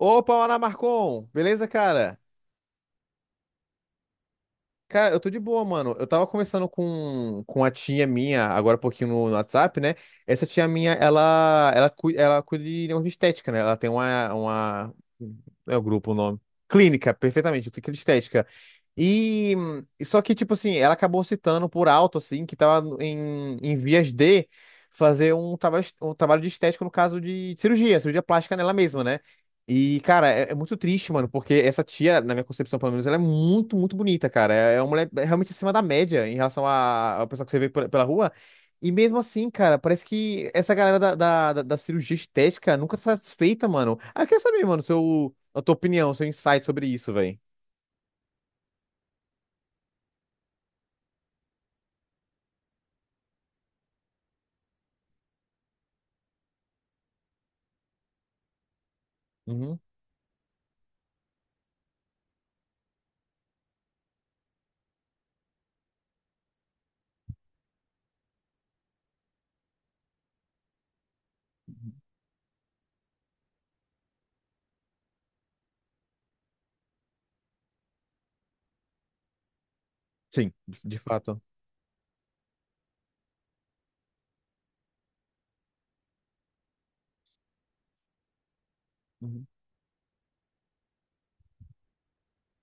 Opa, Ana Marcon! Beleza, cara? Cara, eu tô de boa, mano. Eu tava conversando com a tia minha, agora há pouquinho no WhatsApp, né? Essa tia minha, ela cuida de negócio de estética, né? Ela tem uma. É o grupo, o nome. Clínica, perfeitamente, clínica de estética. E só que, tipo assim, ela acabou citando por alto, assim, que tava em vias de fazer um trabalho de estética, no caso de cirurgia plástica nela mesma, né? E, cara, é muito triste, mano, porque essa tia, na minha concepção, pelo menos, ela é muito, muito bonita, cara. É uma mulher realmente acima da média em relação à pessoa que você vê pela rua. E mesmo assim, cara, parece que essa galera da cirurgia estética nunca tá satisfeita, mano. Ah, eu queria saber, mano, a tua opinião, seu insight sobre isso, velho. Uhum. Sim, de fato.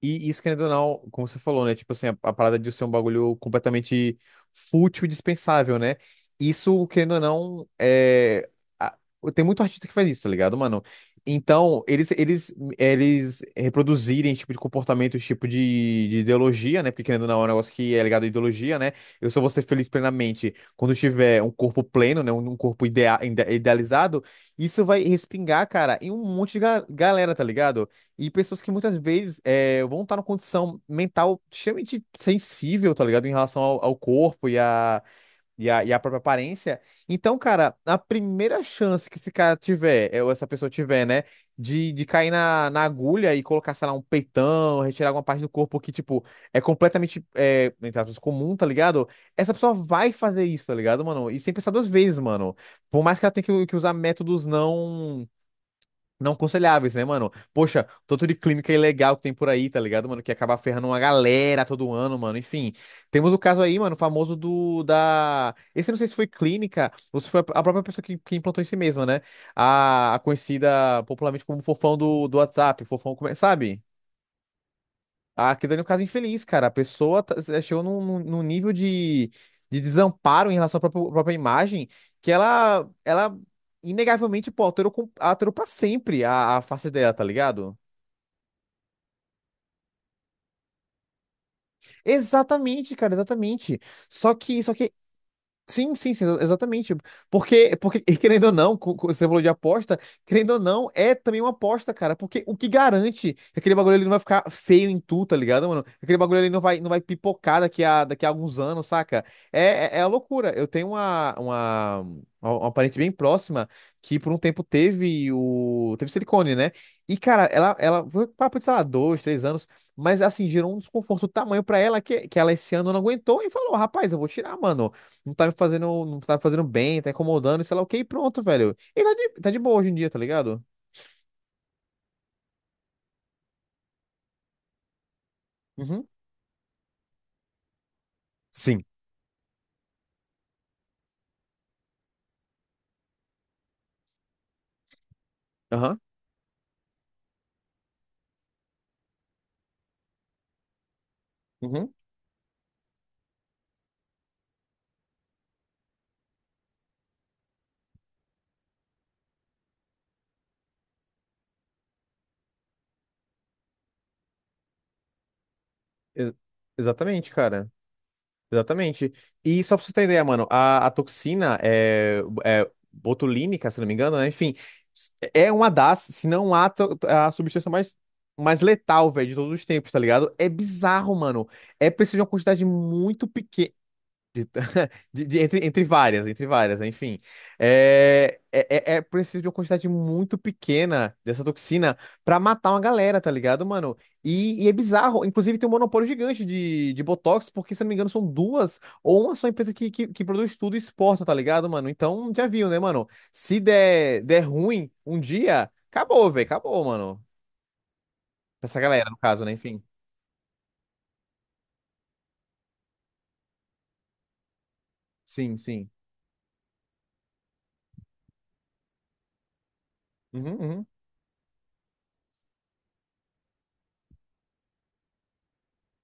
E isso, querendo ou não, como você falou, né? Tipo assim, a parada de ser um bagulho completamente fútil e dispensável, né? Isso, querendo ou não, é. a- Tem muito artista que faz isso, tá ligado, mano? Então, eles reproduzirem esse tipo de comportamento, esse tipo de ideologia, né? Porque, querendo ou não, é um negócio que é ligado à ideologia, né? Eu só vou ser feliz plenamente quando eu tiver um corpo pleno, né? Um corpo idealizado. Isso vai respingar, cara, em um monte de galera, tá ligado? E pessoas que muitas vezes vão estar numa condição mental extremamente sensível, tá ligado? Em relação ao corpo e à própria aparência. Então, cara, a primeira chance que esse cara tiver, ou essa pessoa tiver, né, de cair na agulha e colocar, sei lá, um peitão, retirar alguma parte do corpo que, tipo, é completamente, entre aspas, comum, tá ligado? Essa pessoa vai fazer isso, tá ligado, mano? E sem pensar duas vezes, mano. Por mais que ela tenha que usar métodos não aconselháveis, né, mano? Poxa, tanto de clínica ilegal que tem por aí, tá ligado, mano? Que acaba ferrando uma galera todo ano, mano. Enfim, temos o caso aí, mano, famoso do da. Esse eu não sei se foi clínica ou se foi a própria pessoa que implantou em si mesma, né? A conhecida popularmente como Fofão do WhatsApp, Fofão, sabe? Aquilo ali é um caso infeliz, cara. A pessoa chegou num nível de desamparo em relação à própria imagem que ela inegavelmente, pô, alterou pra sempre a face dela, tá ligado? Exatamente, cara, exatamente. Só que... Sim, sim, sim, exatamente. Porque e querendo ou não, você falou de aposta, querendo ou não, é também uma aposta, cara. Porque o que garante que aquele bagulho ali não vai ficar feio em tu, tá ligado, mano? Que aquele bagulho ali não vai pipocar daqui a alguns anos, saca? É, é a loucura. Eu tenho uma parente bem próxima que por um tempo teve o. Teve silicone, né? E, cara, ela foi papo de, sei lá, dois, três anos. Mas assim, gerou um desconforto do tamanho pra ela que ela esse ano não aguentou e falou: rapaz, eu vou tirar, mano não tá me fazendo bem, tá incomodando, e sei lá o que, e pronto, velho. E tá de boa hoje em dia, tá ligado? Uhum. Sim. Aham. Uhum. Ex- Exatamente, cara. Exatamente. E só pra você ter ideia, mano, a toxina é botulínica, se não me engano, né? Enfim, é uma das, se não a, a substância mais letal, velho, de todos os tempos, tá ligado? É bizarro, mano. É preciso de uma quantidade muito pequena. Entre várias, enfim. É preciso de uma quantidade muito pequena dessa toxina pra matar uma galera, tá ligado, mano? E é bizarro. Inclusive, tem um monopólio gigante de Botox, porque, se eu não me engano, são duas ou uma só empresa que produz tudo e exporta, tá ligado, mano? Então, já viu, né, mano? Se der ruim um dia, acabou, velho, acabou, mano. Essa galera, no caso, né? Enfim. Sim, sim. Uhum, uhum.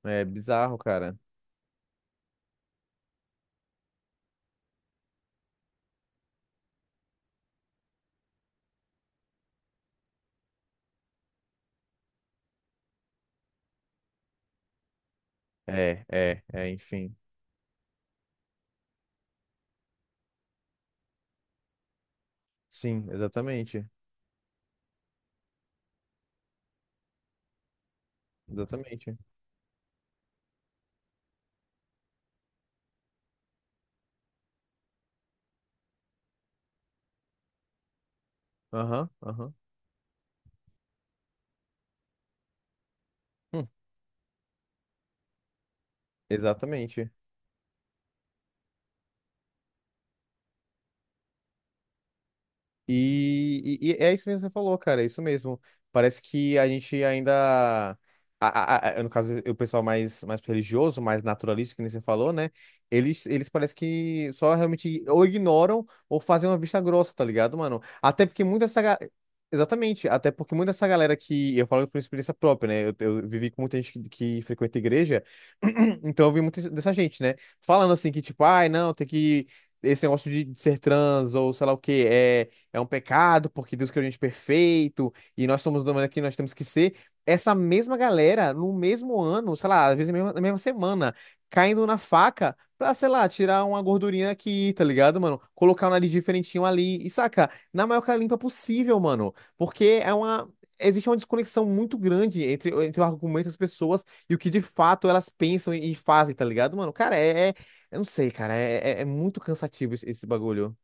É bizarro, cara. Enfim. Sim, exatamente. Exatamente. Aham, aham. Hum, Exatamente. E é isso mesmo que você falou, cara, é isso mesmo. Parece que a gente ainda. No caso, o pessoal mais, religioso, mais naturalista, que nem você falou, né? Eles parece que só realmente ou ignoram ou fazem uma vista grossa, tá ligado, mano? Até porque muita essa. Exatamente, até porque muita essa galera que. Eu falo por experiência própria, né? Eu vivi com muita gente que frequenta igreja, então eu vi muita dessa gente, né? Falando assim que, tipo, ai, não, tem que. Esse negócio de ser trans ou sei lá o quê, é um pecado, porque Deus criou a gente perfeito, e nós somos do mundo aqui, nós temos que ser. Essa mesma galera, no mesmo ano, sei lá, às vezes na mesma semana, caindo na faca pra, sei lá, tirar uma gordurinha aqui, tá ligado, mano? Colocar um nariz diferentinho ali, e saca, na maior cara limpa possível, mano, porque é uma. Existe uma desconexão muito grande entre o argumento das pessoas e o que de fato elas pensam e fazem, tá ligado, mano? Cara, eu não sei, cara. É muito cansativo esse bagulho.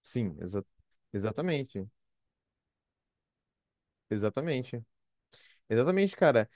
Sim, exatamente. Exatamente. Exatamente, cara.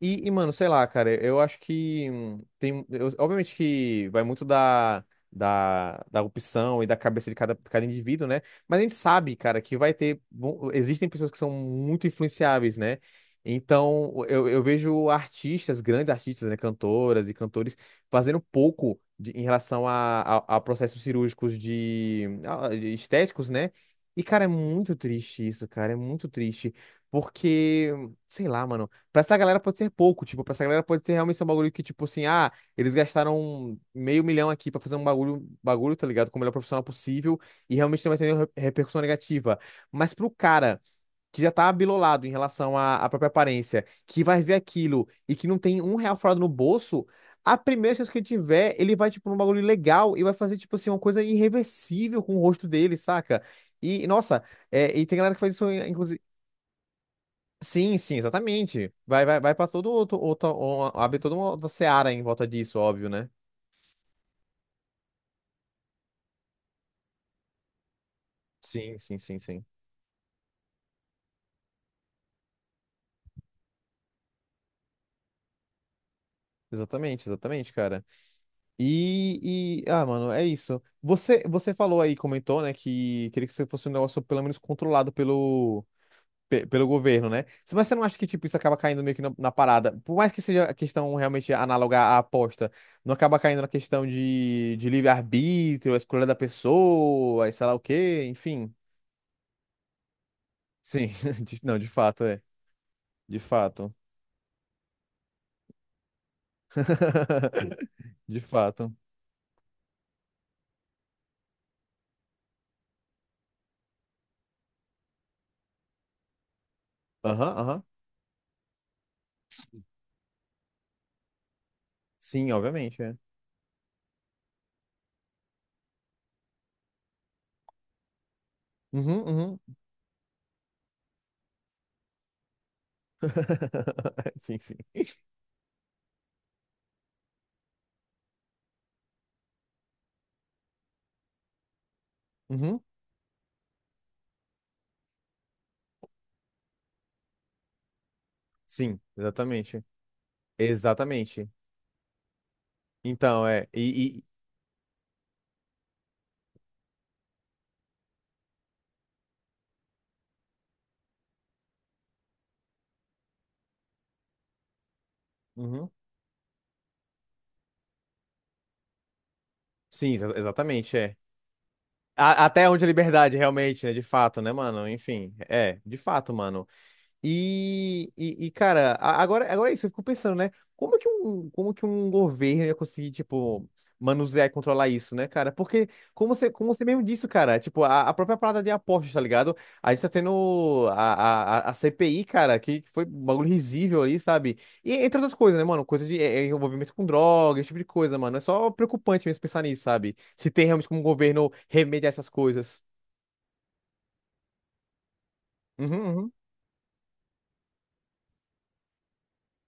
Mano, sei lá, cara, eu acho que obviamente que vai muito da opção e da cabeça de cada indivíduo, né? Mas a gente sabe, cara, que vai ter. Bom, existem pessoas que são muito influenciáveis, né? Então, eu vejo artistas, grandes artistas, né? Cantoras e cantores, fazendo pouco em relação a processos cirúrgicos de estéticos, né? E, cara, é muito triste isso, cara, é muito triste. Porque, sei lá, mano. Pra essa galera pode ser pouco, tipo, pra essa galera pode ser realmente só um bagulho que, tipo assim, ah, eles gastaram meio milhão aqui pra fazer um bagulho, tá ligado? Com o melhor profissional possível e realmente não vai ter nenhuma repercussão negativa. Mas pro cara que já tá abilolado em relação à própria aparência, que vai ver aquilo e que não tem um real furado no bolso, a primeira chance que ele tiver, ele vai, tipo, num bagulho legal e vai fazer, tipo assim, uma coisa irreversível com o rosto dele, saca? E, nossa, e tem galera que faz isso, inclusive. Sim, sim, exatamente. Vai, vai, vai para todo outro, outro, uma- abre toda uma outra seara em volta disso, óbvio, né? Sim, sim, sim, sim. Exatamente, exatamente, cara. E ah, mano, é isso. Você falou aí, comentou, né, que queria que isso fosse um negócio pelo menos controlado pelo governo, né? Mas você não acha que, tipo, isso acaba caindo meio que na parada? Por mais que seja a questão realmente análoga à aposta, não acaba caindo na questão de livre-arbítrio, a escolha da pessoa, e sei lá o quê, enfim. Sim, não, de fato, é. De fato. De fato. Aham, aham. Sim, obviamente, é. Uhum, uhum. Sim, sim. Uhum. Sim, exatamente. Exatamente. Então, é. Uhum. Sim, exatamente, é. Até onde a liberdade, realmente, né? De fato, né, mano? Enfim, é, de fato, mano. Cara, agora é isso, eu fico pensando, né? Como que um governo ia conseguir, tipo, manusear e controlar isso, né, cara? Porque, como você mesmo disse, cara, tipo, a própria parada de apostas, tá ligado? A gente tá tendo a CPI, cara, que foi um bagulho risível ali, sabe? E entre outras coisas, né, mano? Coisa de envolvimento com droga, esse tipo de coisa, mano. É só preocupante mesmo pensar nisso, sabe? Se tem realmente como o governo remediar essas coisas. Uhum, uhum.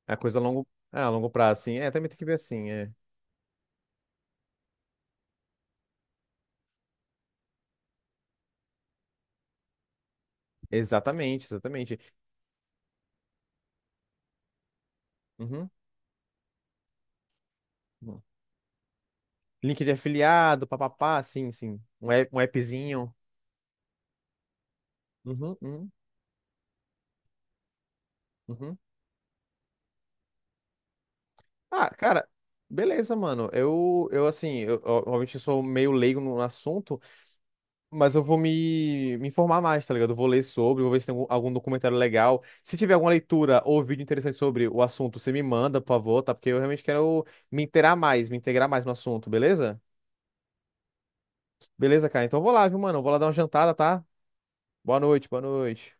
É coisa a longo, a longo prazo, assim. É, também tem que ver assim. Exatamente, exatamente. Uhum. Uhum. Link de afiliado, papapá, sim, sim. Um appzinho. Uhum, uhum, uhum. Ah, cara, beleza, mano. Eu assim, obviamente eu sou meio leigo no assunto, mas eu vou me informar mais, tá ligado? Eu vou ler sobre, vou ver se tem algum documentário legal. Se tiver alguma leitura ou vídeo interessante sobre o assunto, você me manda, por favor, tá? Porque eu realmente quero me inteirar mais, me integrar mais no assunto, beleza? Beleza, cara. Então eu vou lá, viu, mano? Eu vou lá dar uma jantada, tá? Boa noite, boa noite.